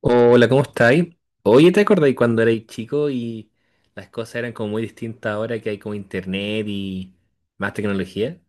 Hola, ¿cómo estáis? Oye, ¿te acordáis cuando erais chico y las cosas eran como muy distintas ahora que hay como internet y más tecnología?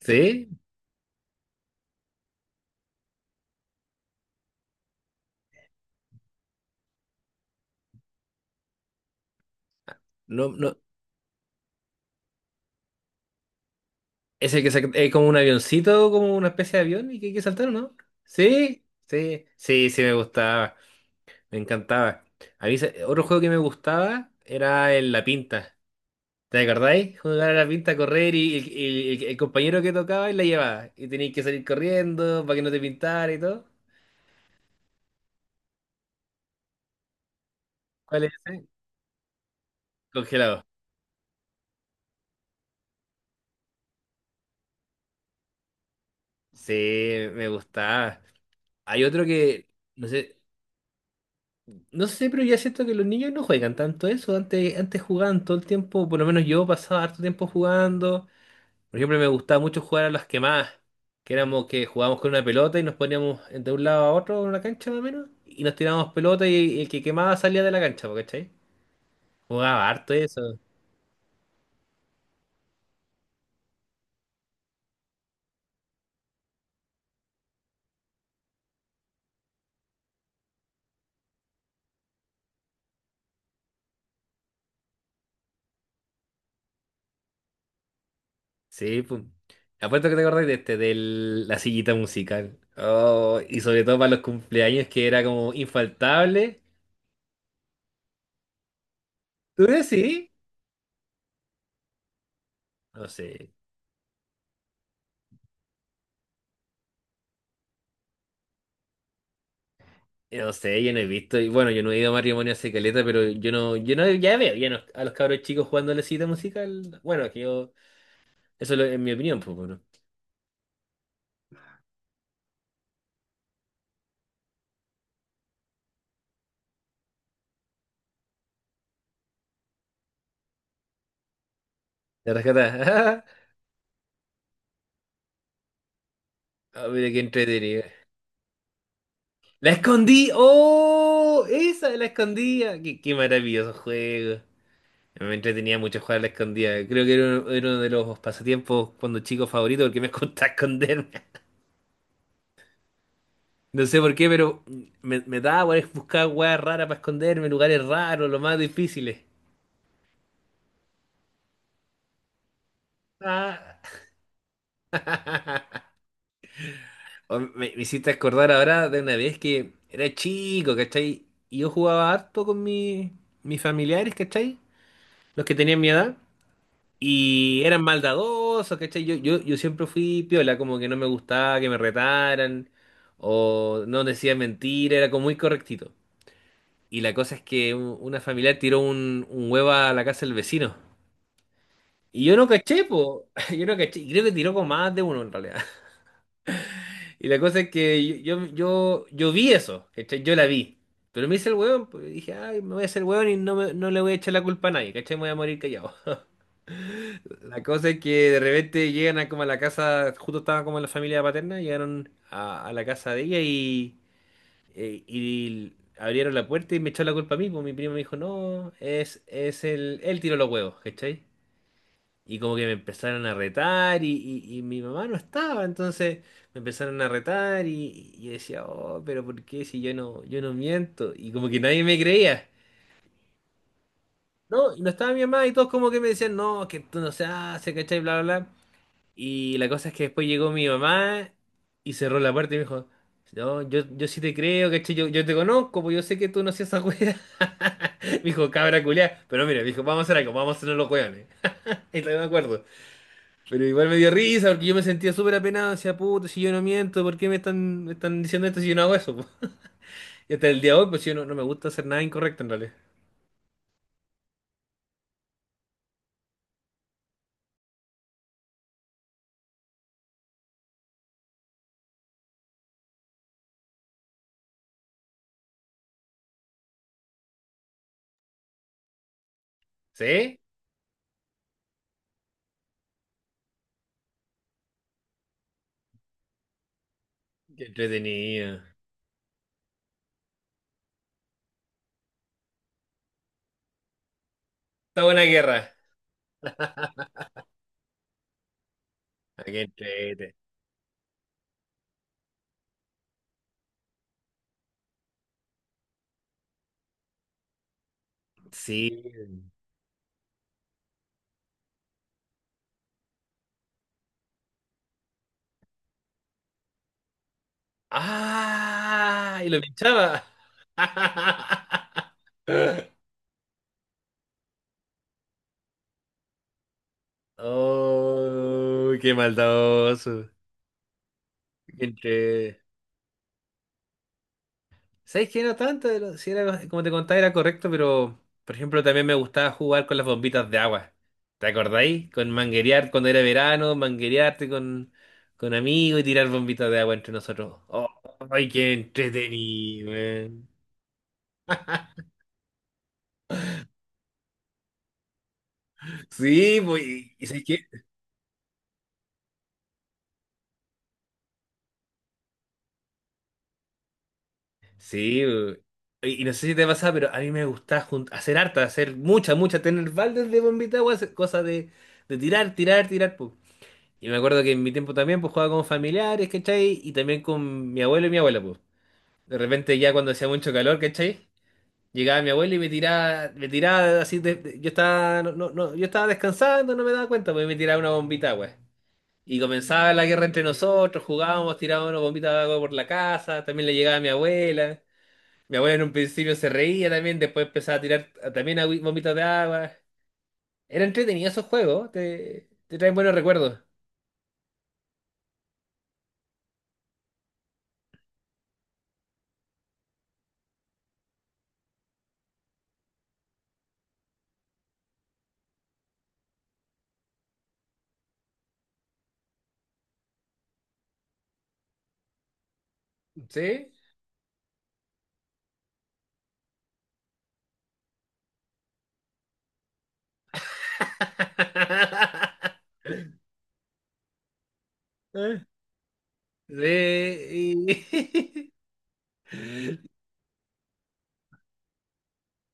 ¿Sí? No, no. ¿Es el que es como un avioncito, como una especie de avión y que hay que saltar, o no? ¿Sí? Sí, sí, sí, me gustaba, me encantaba. A mí otro juego que me gustaba era el La Pinta. ¿Te acordáis? Jugar a la pinta, correr y el compañero que tocaba y la llevaba. Y tenías que salir corriendo para que no te pintara y todo. ¿Cuál es ese? Congelado. Sí, me gustaba. Hay otro que, no sé, no sé, pero ya siento que los niños no juegan tanto eso. Antes jugaban todo el tiempo, por lo menos yo pasaba harto tiempo jugando. Por ejemplo, me gustaba mucho jugar a las quemadas, que éramos que jugábamos con una pelota y nos poníamos de un lado a otro en una cancha más o menos, y nos tirábamos pelota y el que quemaba salía de la cancha, ¿po? ¿Cachai? Jugaba harto eso. Sí, pues. Apuesto que te acordás de este, de la sillita musical. Oh, y sobre todo para los cumpleaños que era como infaltable. ¿Tú decís? No sé. No sé, yo no he visto. Y bueno, yo no he ido a matrimonio hace caleta, pero yo no, ya veo a los cabros chicos jugando a la sillita musical. Bueno, es que yo, eso es en mi opinión, pues bueno. La rescata. Ah, mira qué entretenido. ¡La escondí! ¡Oh! Esa, la escondía. Qué, qué maravilloso juego. Me entretenía mucho jugar a la escondida. Creo que era uno de los pasatiempos cuando chico favorito porque me costaba esconderme. No sé por qué, pero me daba por buscar weas raras para esconderme, lugares raros, los más difíciles. Ah. O me hiciste acordar ahora de una vez que era chico, ¿cachai? Y yo jugaba harto con mis familiares, ¿cachai? Los que tenían mi edad. Y eran maldadosos, ¿cachai? Yo siempre fui piola, como que no me gustaba que me retaran o no decía mentira, era como muy correctito. Y la cosa es que una familiar tiró un huevo a la casa del vecino. Y yo no caché, po. Yo no caché. Y creo que tiró con más de uno en realidad. Y la cosa es que yo vi eso, ¿cachai? Yo la vi. Pero me hice el hueón, pues, y dije, ay, me voy a hacer hueón y no, no le voy a echar la culpa a nadie, ¿cachai? Me voy a morir callado. La cosa es que de repente llegan a como a la casa, justo estaba como en la familia paterna, llegaron a la casa de ella y abrieron la puerta y me echó la culpa a mí, pues mi primo me dijo, no, es el, él tiró los huevos, ¿cachai? Y como que me empezaron a retar y, y mi mamá no estaba, entonces me empezaron a retar y yo decía, oh, pero ¿por qué si yo no miento? Y como que nadie me creía. No, y no estaba mi mamá y todos como que me decían, no, que tú no se hace, ¿cachai? Bla, bla, bla. Y la cosa es que después llegó mi mamá y cerró la puerta y me dijo, no, yo sí te creo, ¿cachai? Yo te conozco, pues yo sé que tú no hacías esa wea. Me dijo, cabra culiá. Pero mira, me dijo, vamos a hacer algo, vamos a hacer los weones. Y todavía me acuerdo. Pero igual me dio risa porque yo me sentía súper apenado, decía, puto, si yo no miento, ¿por qué me están diciendo esto si yo no hago eso? ¿Po? Y hasta el día de hoy, pues yo no me gusta hacer nada incorrecto en realidad. ¿Sí? Qué entretenido. Está buena guerra. Ah, qué entrete. Sí. ¡Ah! Y lo pinchaba. ¡Oh! ¡Qué maldadoso! Entre... ¿Sabes qué? No tanto, pero sí como te contaba, era correcto, pero por ejemplo también me gustaba jugar con las bombitas de agua. ¿Te acordáis? Con manguerear cuando era verano, manguerearte con amigos y tirar bombitas de agua entre nosotros. ¡Oh! ¡Ay, qué entretenido, man! Sí, pues, ¿y sabes qué? Sí, y no sé si te pasa, pero a mí me gusta hacer harta, hacer mucha, mucha, tener baldes de bombita, agua, hacer cosas de, tirar, tirar, tirar, pues. Y me acuerdo que en mi tiempo también, pues, jugaba con familiares, ¿cachai? Y también con mi abuelo y mi abuela, pues. De repente ya cuando hacía mucho calor, ¿cachai? Llegaba mi abuelo y me tiraba así, yo estaba, no, no, no, yo estaba descansando, no me daba cuenta, pues, y me tiraba una bombita, de agua. Y comenzaba la guerra entre nosotros, jugábamos, tirábamos una bombita de agua por la casa, también le llegaba a mi abuela. Mi abuela en un principio se reía también, después empezaba a tirar también bombitas de agua. Era entretenido esos juegos, te traen buenos recuerdos. ¿Sí? ¿Eh? Sí. Y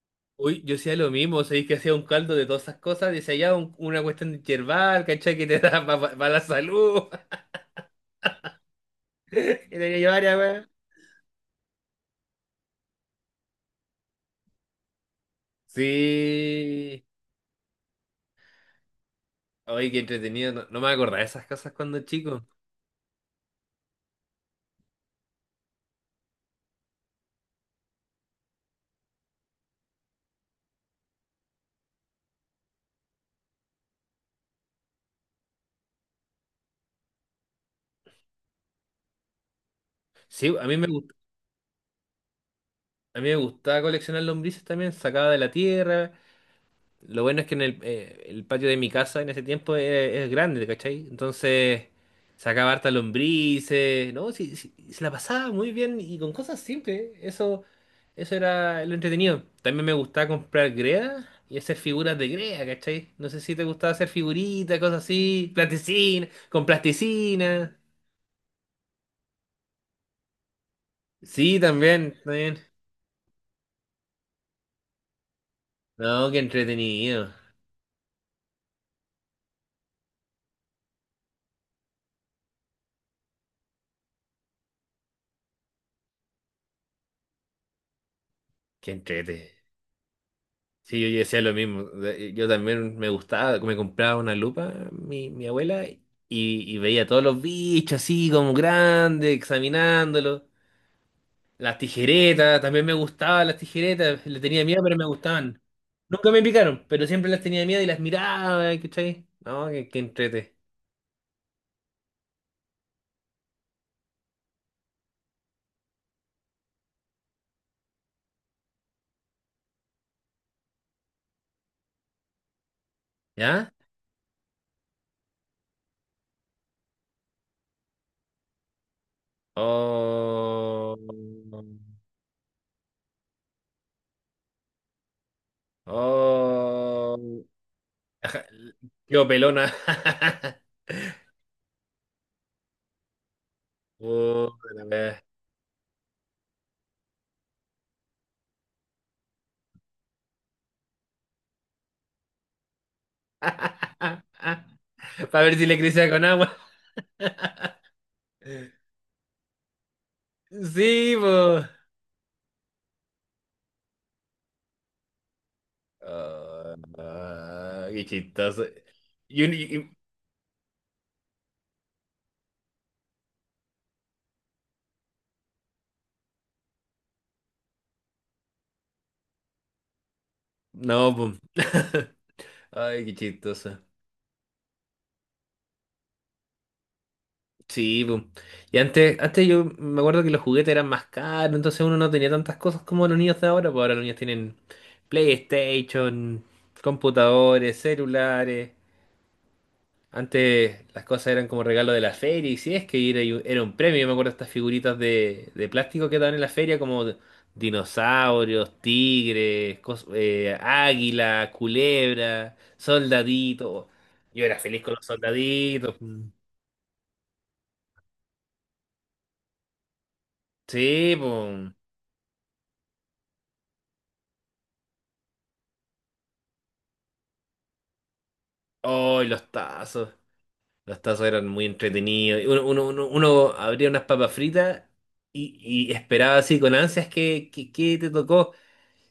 Uy, yo hacía lo mismo, o sea, que hacía un caldo de todas esas cosas, decía ya una cuestión yerbal, ¿cachai? Que te da para la salud. Y tenía yo varias, weón. Sí. Oye, qué entretenido. No, no me acordaba de esas cosas cuando chico. Sí, a mí me gustaba. A mí me gustaba coleccionar lombrices también, sacaba de la tierra. Lo bueno es que en el patio de mi casa en ese tiempo es grande, ¿cachai? Entonces sacaba harta lombrices, ¿no? Sí, sí, se la pasaba muy bien y con cosas simples. Eso era lo entretenido. También me gustaba comprar greda y hacer figuras de greda, ¿cachai? No sé si te gustaba hacer figuritas, cosas así, plasticina, con plasticina. Sí, también, también. No, qué entretenido. Qué entrete. Sí, yo yo decía lo mismo. Yo también me gustaba, me compraba una lupa, mi abuela, y veía todos los bichos así como grandes, examinándolos. Las tijeretas, también me gustaban las tijeretas, le tenía miedo, pero me gustaban. Nunca me picaron, pero siempre las tenía miedo y las miraba, ¿cachai? No, que entrete. ¿Ya? Oh. Oh. Qué pelona. Oh. Para ver si le crecía con agua. Sí, pues. Qué chistoso. Y un- y- y- no, pues. Ay, qué chistoso. Sí, pues. Y, antes, antes, yo me acuerdo que los juguetes eran más caros, entonces uno no tenía tantas cosas como los niños de ahora, pues ahora los niños tienen PlayStation, computadores, celulares. Antes las cosas eran como regalo de la feria, y si es que era, era un premio, yo me acuerdo de estas figuritas de plástico que daban en la feria, como dinosaurios, tigres, águila, culebra, soldaditos. Yo era feliz con los soldaditos. Mm. Sí, pues. Oh, y los tazos. Los tazos eran muy entretenidos. Uno abría unas papas fritas y, y esperaba así con ansias que, que te tocó.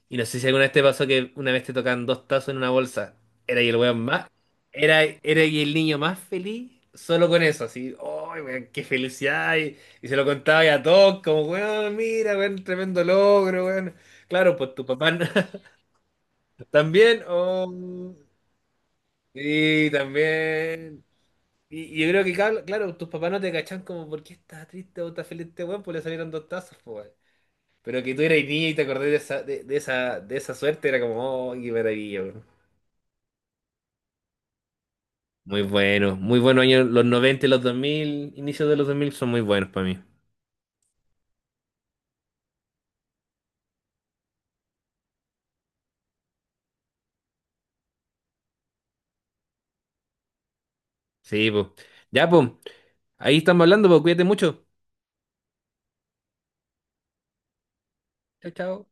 Y no sé si alguna vez te pasó que una vez te tocan dos tazos en una bolsa. Era y el weón más. Era, era y el niño más feliz solo con eso, así. ¡Ay, weón, qué felicidad! Y se lo contaba a todos, como, weón, mira, weón, tremendo logro, weón. Claro, pues tu papá no- también. Oh, sí, también. Y yo creo que, claro, tus papás no te cachan como, ¿por qué estás triste o estás feliz este weón? Pues le salieron dos tazos, pues, weón. Pero que tú eras niño y te acordás de esa suerte, era como, oh, qué maravilla. Muy bueno, muy buenos años, los 90 y los 2000, inicios de los 2000, son muy buenos para mí. Sí, pues. Ya, pues, ahí estamos hablando, pues, cuídate mucho. Chao, chao.